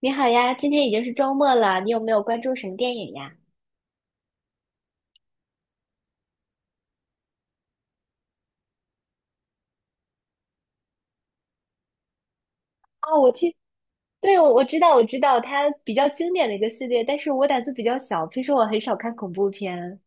你好呀，今天已经是周末了，你有没有关注什么电影呀？哦，对，我知道，我知道，它比较经典的一个系列，但是我胆子比较小，平时我很少看恐怖片。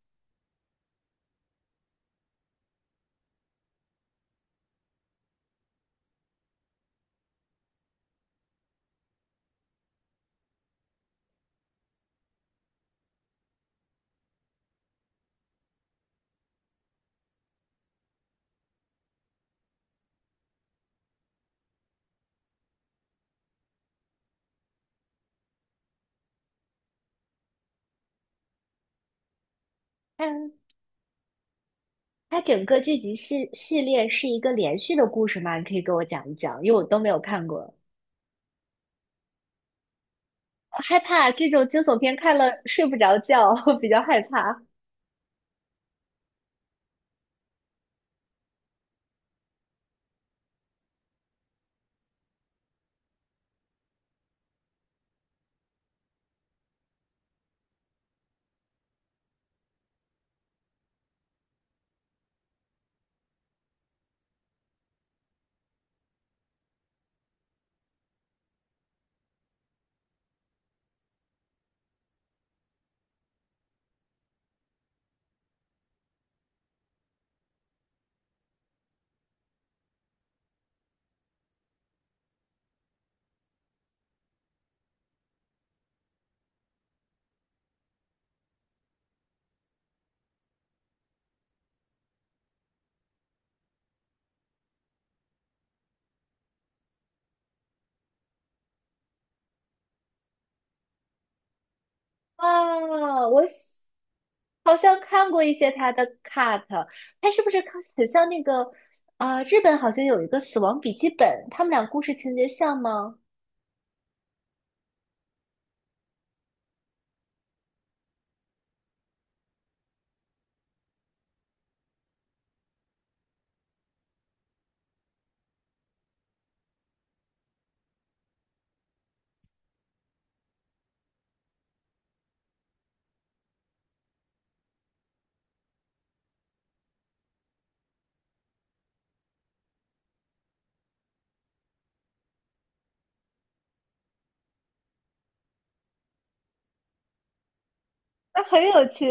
嗯，它整个剧集系列是一个连续的故事吗？你可以给我讲一讲，因为我都没有看过。害怕这种惊悚片看了睡不着觉，我比较害怕。啊，我喜。好像看过一些他的 cut，他是不是看很像那个日本好像有一个《死亡笔记本》，他们俩故事情节像吗？那很有趣，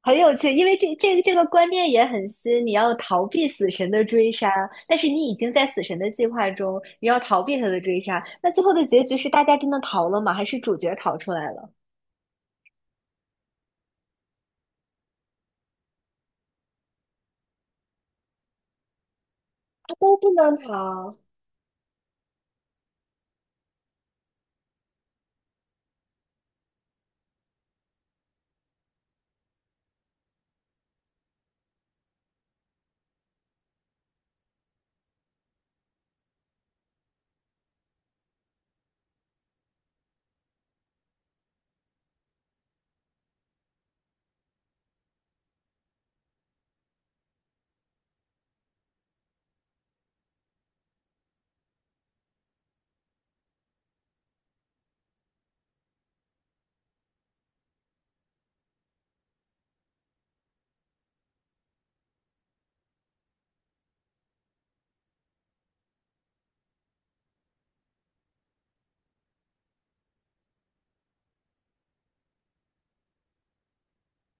很有趣，因为这个观念也很新。你要逃避死神的追杀，但是你已经在死神的计划中，你要逃避他的追杀。那最后的结局是大家真的逃了吗？还是主角逃出来了？都不能逃，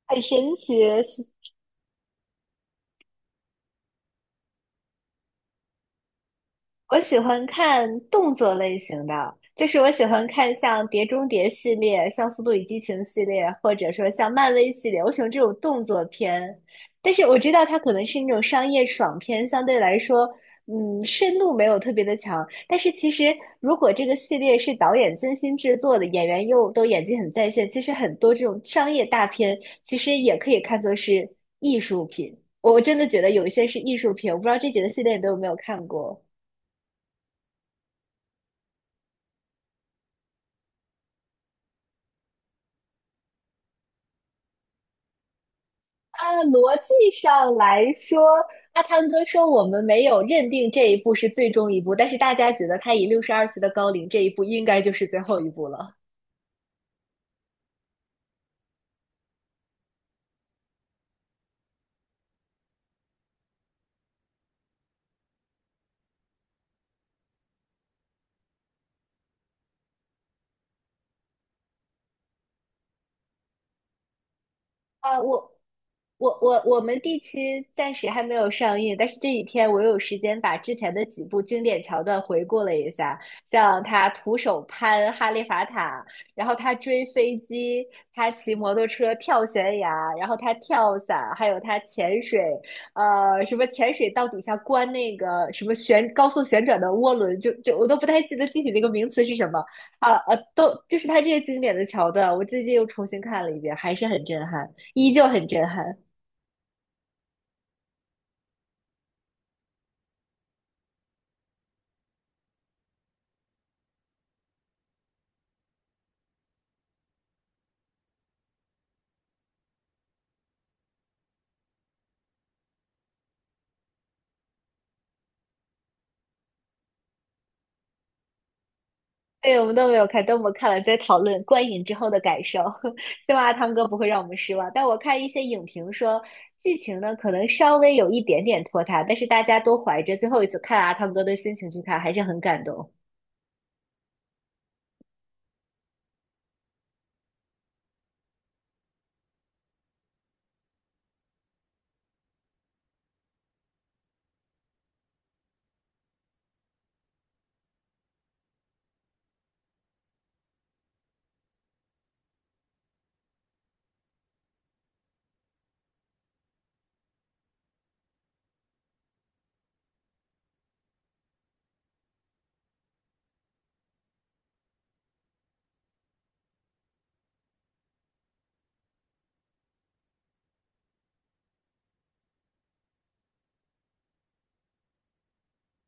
很神奇。我喜欢看动作类型的，就是我喜欢看像《碟中谍》系列、像《速度与激情》系列，或者说像漫威系列，我喜欢这种动作片。但是我知道它可能是那种商业爽片，相对来说，嗯，深度没有特别的强。但是其实如果这个系列是导演精心制作的，演员又都演技很在线，其实很多这种商业大片其实也可以看作是艺术品。我真的觉得有一些是艺术品，我不知道这几个系列你都有没有看过。啊，逻辑上来说，阿汤哥说我们没有认定这一步是最终一步，但是大家觉得他以62岁的高龄，这一步应该就是最后一步了。啊，我们地区暂时还没有上映，但是这几天我有时间把之前的几部经典桥段回顾了一下，像他徒手攀哈利法塔，然后他追飞机，他骑摩托车跳悬崖，然后他跳伞，还有他潜水，呃，什么潜水到底下关那个什么旋高速旋转的涡轮，就我都不太记得具体那个名词是什么都就是他这些经典的桥段，我最近又重新看了一遍，还是很震撼。依旧很震撼。对，我们都没有看，等我们看了再讨论观影之后的感受。希望阿汤哥不会让我们失望。但我看一些影评说，剧情呢可能稍微有一点点拖沓，但是大家都怀着最后一次看阿汤哥的心情去看，还是很感动。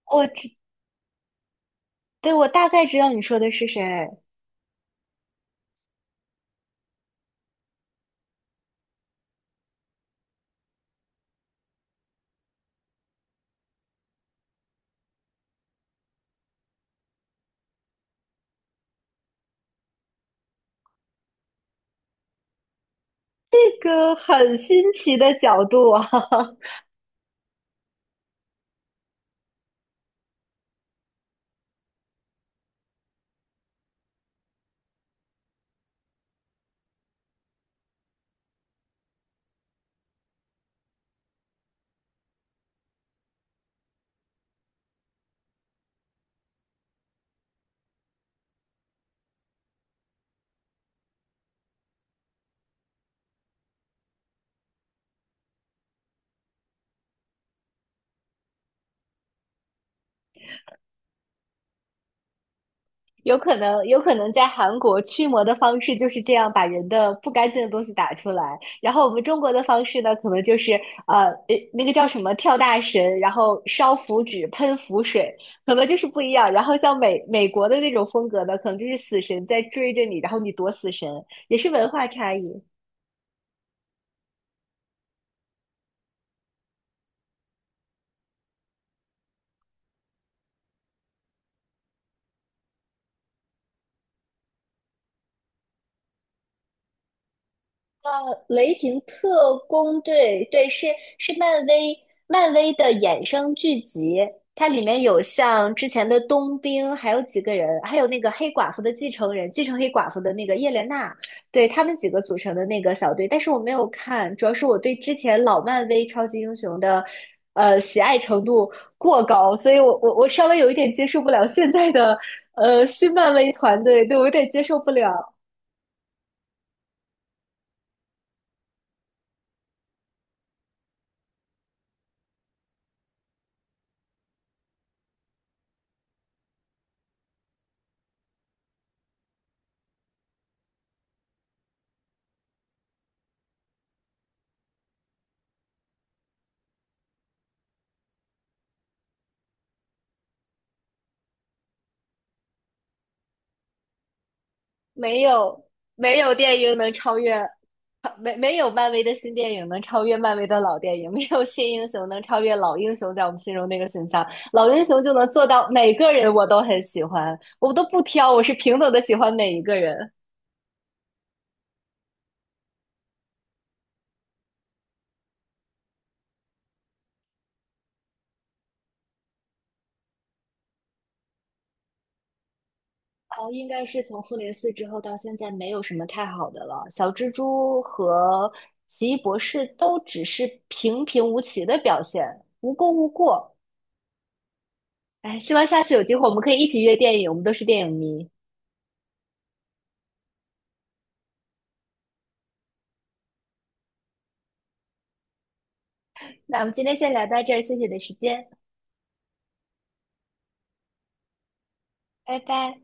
我知，对，我大概知道你说的是谁，这个很新奇的角度啊。有可能，有可能在韩国驱魔的方式就是这样，把人的不干净的东西打出来。然后我们中国的方式呢，可能就是那个叫什么跳大神，然后烧符纸、喷符水，可能就是不一样。然后像美国的那种风格呢，可能就是死神在追着你，然后你躲死神，也是文化差异。雷霆特工队》，对，是漫威的衍生剧集，它里面有像之前的冬兵，还有几个人，还有那个黑寡妇的继承人，继承黑寡妇的那个叶莲娜，对，他们几个组成的那个小队，但是我没有看，主要是我对之前老漫威超级英雄的。喜爱程度过高，所以我稍微有一点接受不了现在的新漫威团队，对我有点接受不了。没有没有电影能超越，没有漫威的新电影能超越漫威的老电影，没有新英雄能超越老英雄在我们心中那个形象，老英雄就能做到每个人我都很喜欢，我都不挑，我是平等的喜欢每一个人。哦，应该是从复联四之后到现在没有什么太好的了。小蜘蛛和奇异博士都只是平平无奇的表现，无功无过。哎，希望下次有机会我们可以一起约电影，我们都是电影迷。那我们今天先聊到这儿，谢谢你的时间，拜拜。